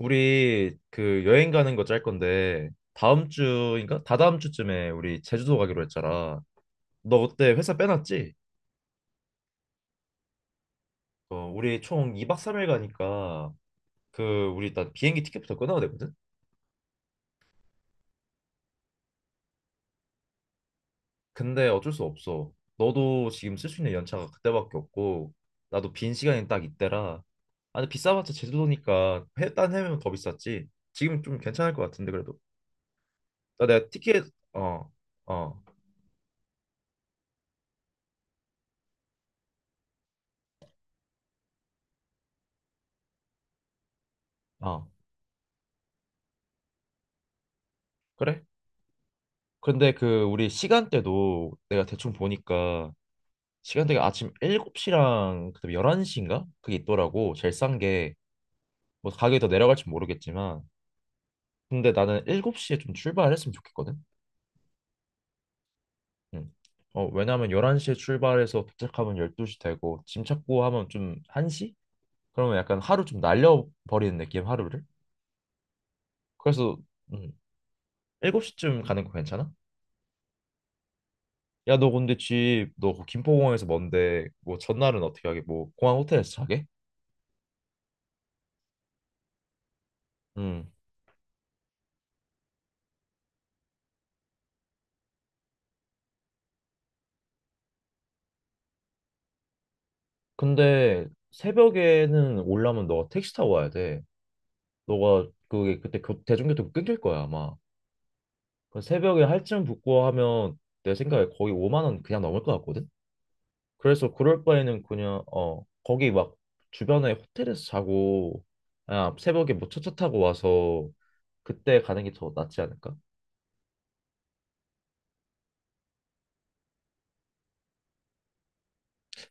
우리 그 여행 가는 거 짤 건데 다음 주인가? 다다음 주쯤에 우리 제주도 가기로 했잖아. 너 그때 회사 빼놨지? 어, 우리 총 2박 3일 가니까 그 우리 일단 비행기 티켓부터 끊어야 되거든? 근데 어쩔 수 없어. 너도 지금 쓸 수 있는 연차가 그때밖에 없고 나도 빈 시간이 딱 이때라. 아, 근데 비싸봤자 제주도니까 딴 해면 더 비쌌지. 지금 좀 괜찮을 것 같은데 그래도. 나 내가 티켓. 어, 어, 어. 그래? 근데 우리 시간대도 내가 대충 보니까 시간대가 아침 7시랑 그다음에 11시인가? 그게 있더라고. 제일 싼 게 뭐 가격이 더 내려갈지 모르겠지만 근데 나는 7시에 좀 출발했으면 좋겠거든. 응. 어, 왜냐면 11시에 출발해서 도착하면 12시 되고 짐 찾고 하면 좀 1시? 그러면 약간 하루 좀 날려버리는 느낌 하루를. 그래서 음, 7시쯤 가는 거 괜찮아? 야, 너 근데 집 너 김포공항에서 먼데 뭐 전날은 어떻게 하게? 뭐 공항 호텔에서 자게? 응. 근데 새벽에는 올라면 너가 택시 타고 와야 돼. 너가 그게 그때 대중교통 끊길 거야 아마. 그 새벽에 할증 붙고 하면 내 생각에 거의 5만 원 그냥 넘을 것 같거든. 그래서 그럴 바에는 그냥 거기 막 주변에 호텔에서 자고 새벽에 뭐 첫차 타고 와서 그때 가는 게 더 낫지 않을까?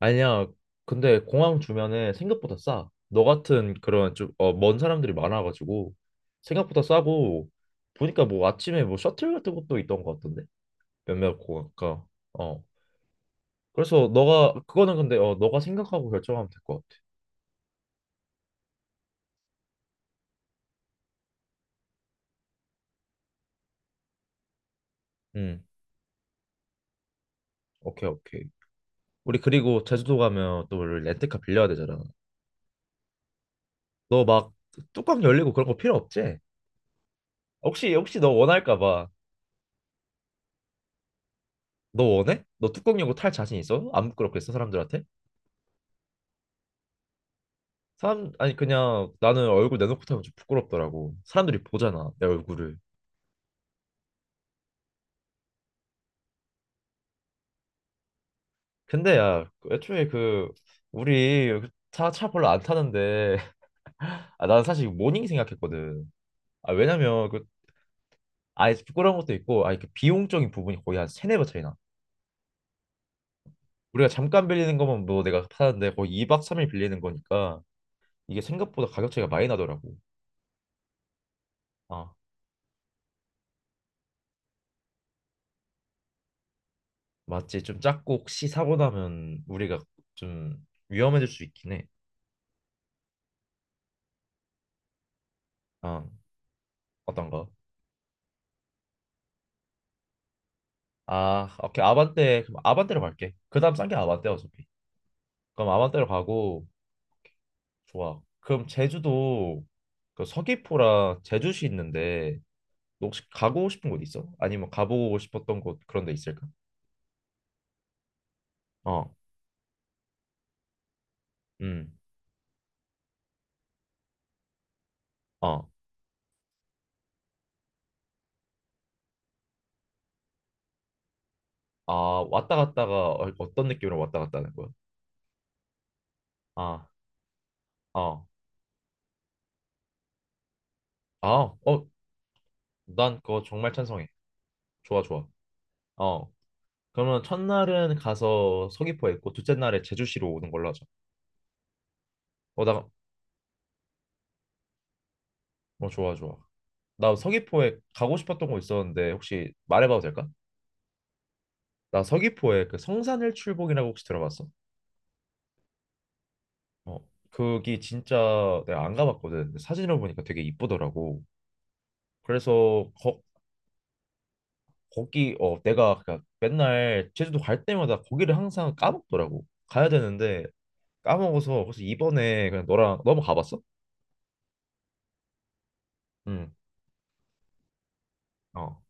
아니야. 근데 공항 주변에 생각보다 싸. 너 같은 그런 좀 먼 사람들이 많아가지고 생각보다 싸고 보니까 뭐 아침에 뭐 셔틀 같은 것도 있던 것 같던데 몇몇 공항가. 어. 그래서 너가 그거는 근데 너가 생각하고 결정하면 될 것 같아. 음. 오케이 오케이. 우리 그리고 제주도 가면 또 우리 렌트카 빌려야 되잖아. 너 막 뚜껑 열리고 그런 거 필요 없지? 혹시 너 원할까 봐. 너 원해? 너 뚜껑 열고 탈 자신 있어? 안 부끄럽겠어 사람들한테? 사람 아니 그냥 나는 얼굴 내놓고 타면 좀 부끄럽더라고. 사람들이 보잖아 내 얼굴을. 근데 야 그 애초에 우리 차 별로 안 타는데 아, 나는 사실 모닝 생각했거든. 왜냐면 아예 부끄러운 것도 있고 아그 비용적인 부분이 거의 한 세네 배 차이나. 우리가 잠깐 빌리는 거면 뭐 내가 타는데 거의 2박 3일 빌리는 거니까 이게 생각보다 가격 차이가 많이 나더라고. 아 맞지 좀 작고 혹시 사고 나면 우리가 좀 위험해질 수 있긴 해. 아 어떤가? 아, 오케이. 아반떼. 그럼 아반떼로 갈게. 그다음 싼게 아반떼 어차피. 그럼 아반떼로 가고 좋아. 그럼 제주도 서귀포랑 제주시 있는데 너 혹시 가고 싶은 곳 있어? 아니면 가보고 싶었던 곳 그런 데 있을까? 어. 음. 어. 아, 왔다 갔다가 어떤 느낌으로 왔다 갔다 하는 거야? 아. 어. 아. 어. 난 그거 정말 찬성해. 좋아, 좋아. 어. 그러면 첫날은 가서 서귀포에 있고 둘째 날에 제주시로 오는 걸로 하자. 어, 좋아, 좋아. 나 서귀포에 가고 싶었던 곳 있었는데 혹시 말해봐도 될까? 나 서귀포에 그 성산일출봉이라고 혹시 들어봤어? 어, 거기 진짜 내가 안 가봤거든. 근데 사진을 보니까 되게 이쁘더라고. 그래서 거기 내가 맨날 제주도 갈 때마다 거기를 항상 까먹더라고. 가야 되는데 까먹어서 그래서 이번에 그냥 너랑 너무 가봤어? 응. 어.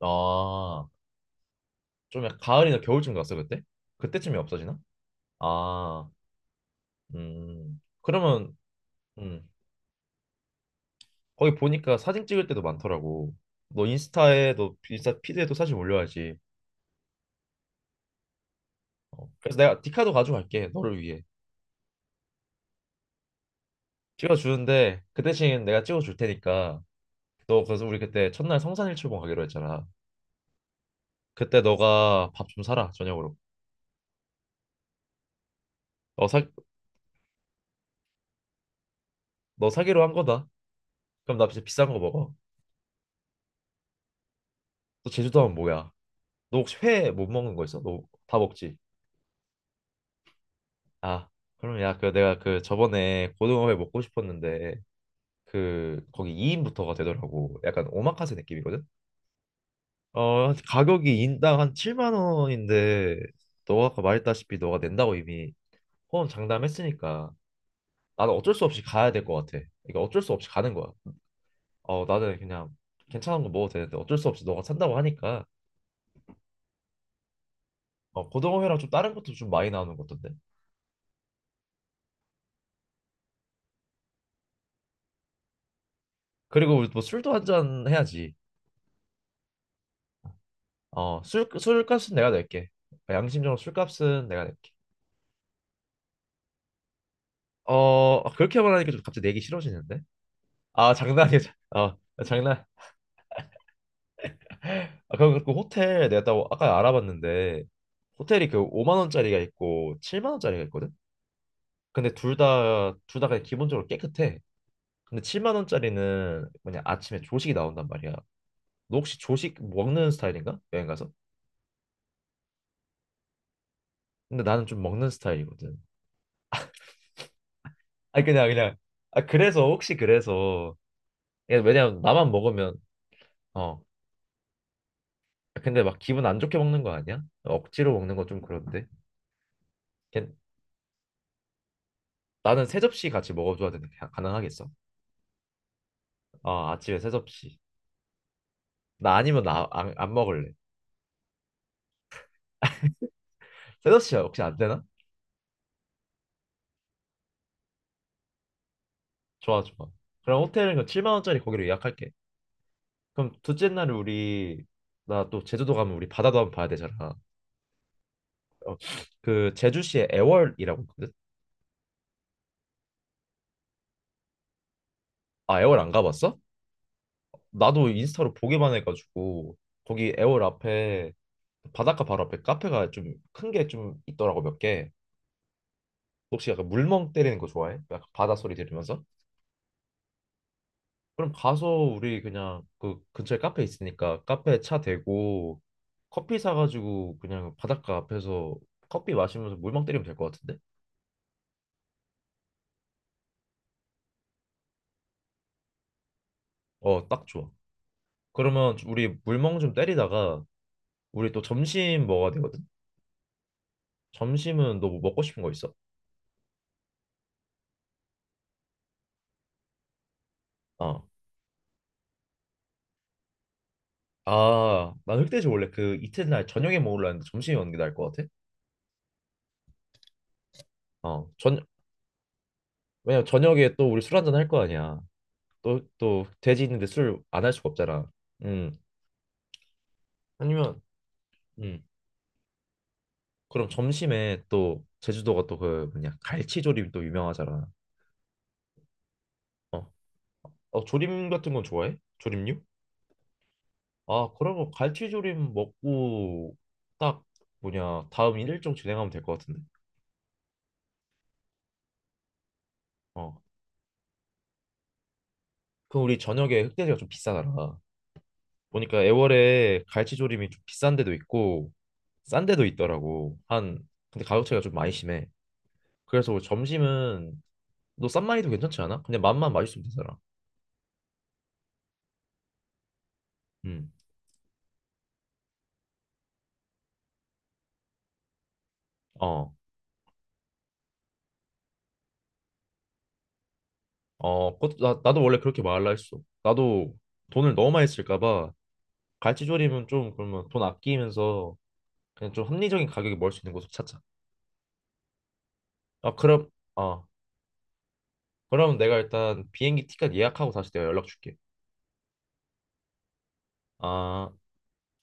아, 좀 약간 가을이나 겨울쯤 갔어 그때? 그때쯤이 없어지나? 아, 그러면 음. 거기 보니까 사진 찍을 때도 많더라고. 너 인스타 피드에도 사진 올려야지. 어, 그래서 내가 디카도 가져갈게. 너를 위해. 찍어주는데 그 대신 내가 찍어줄 테니까 너 그래서 우리 그때 첫날 성산일출봉 가기로 했잖아. 그때 너가 밥 좀 사라 저녁으로. 너 사, 너 사기로 한 거다. 그럼 나 진짜 비싼 거 먹어. 너 제주도 하면 뭐야? 너 혹시 회 못 먹는 거 있어? 너 다 먹지? 아 그럼 야 내가 저번에 고등어회 먹고 싶었는데 거기 2인부터가 되더라고. 약간 오마카세 느낌이거든. 어, 가격이 인당 한 7만 원인데 너가 아까 말했다시피 너가 낸다고 이미 포함 장담했으니까 나는 어쩔 수 없이 가야 될 것 같아. 그러니까 어쩔 수 없이 가는 거야. 어, 나는 그냥 괜찮은 거 먹어도 되는데 어쩔 수 없이 너가 산다고 하니까 어, 고등어회랑 좀 다른 것도 좀 많이 나오는 것 같던데. 그리고 우리 뭐 술도 한 잔 해야지. 어, 술 술값은 내가 낼게. 그러니까 양심적으로 술값은 내가 낼게. 어, 아, 그렇게 말하니까 좀 갑자기 내기 싫어지는데? 아, 장난이야. 장난. 아, 그럼 그 호텔 내가 또 아까 알아봤는데 호텔이 5만 원짜리가 있고 7만 원짜리가 있거든. 근데 둘 다 그냥 기본적으로 깨끗해. 근데 7만 원짜리는 뭐냐 아침에 조식이 나온단 말이야. 너 혹시 조식 먹는 스타일인가? 여행 가서? 근데 나는 좀 먹는 스타일이거든. 아니 그냥 그래서 혹시 그래서 이게 왜냐면 나만 먹으면 어 아, 근데 막 기분 안 좋게 먹는 거 아니야? 억지로 먹는 거 좀 그런데. 걔- 나는 세 접시 같이 먹어줘야 되는데 가능하겠어? 아 아침에 세 접시. 나 아니면 나 안 먹을래. 셋업 씨 혹시 안 되나? 좋아 좋아. 그럼 호텔은 그 7만 원짜리 거기로 예약할게. 그럼 둘째 날에 우리 나 또 제주도 가면 우리 바다도 한번 봐야 되잖아. 어, 그 제주시에 애월이라고 있거든. 아 애월 안 가봤어? 나도 인스타로 보기만 해가지고 거기 애월 앞에 바닷가 바로 앞에 카페가 좀 큰 게 좀 있더라고 몇 개. 혹시 약간 물멍 때리는 거 좋아해? 약간 바다 소리 들으면서? 그럼 가서 우리 그냥 그 근처에 카페 있으니까 카페 차 대고 커피 사가지고 그냥 바닷가 앞에서 커피 마시면서 물멍 때리면 될 것 같은데? 어, 딱 좋아. 그러면 좀 우리 물멍 좀 때리다가 우리 또 점심 먹어야 되거든? 점심은 너 뭐 먹고 싶은 거 있어? 어. 아, 난 흑돼지 원래 그 이튿날 저녁에 먹으려 했는데 점심에 먹는 게 나을 것 같아? 어, 왜냐면 저녁에 또 우리 술 한잔 할 거 아니야. 또 돼지 있는데 술 안 할 수가 없잖아. 음, 아니면, 음. 그럼 점심에 또 제주도가 또 뭐냐 갈치조림 또 유명하잖아. 어, 조림 같은 건 좋아해? 조림류? 아 그러면 갈치조림 먹고 딱 뭐냐 다음 일정 진행하면 될 것 같은데. 어, 그럼 우리 저녁에 흑돼지가 좀 비싸더라. 보니까 애월에 갈치조림이 좀 비싼 데도 있고 싼 데도 있더라고. 한 근데 가격 차이가 좀 많이 심해. 그래서 우리 점심은 너 싼마이도 괜찮지 않아? 그냥 맛만 맛있으면 되잖아. 음. 어. 어, 그것도 나도 원래 그렇게 말할라 했어. 나도 돈을 너무 많이 쓸까 봐 갈치조림은 좀 그러면 돈 아끼면서 그냥 좀 합리적인 가격에 먹을 수 있는 곳을 찾자. 아, 어, 그럼 내가 일단 비행기 티켓 예약하고 다시 내가 연락 줄게. 아.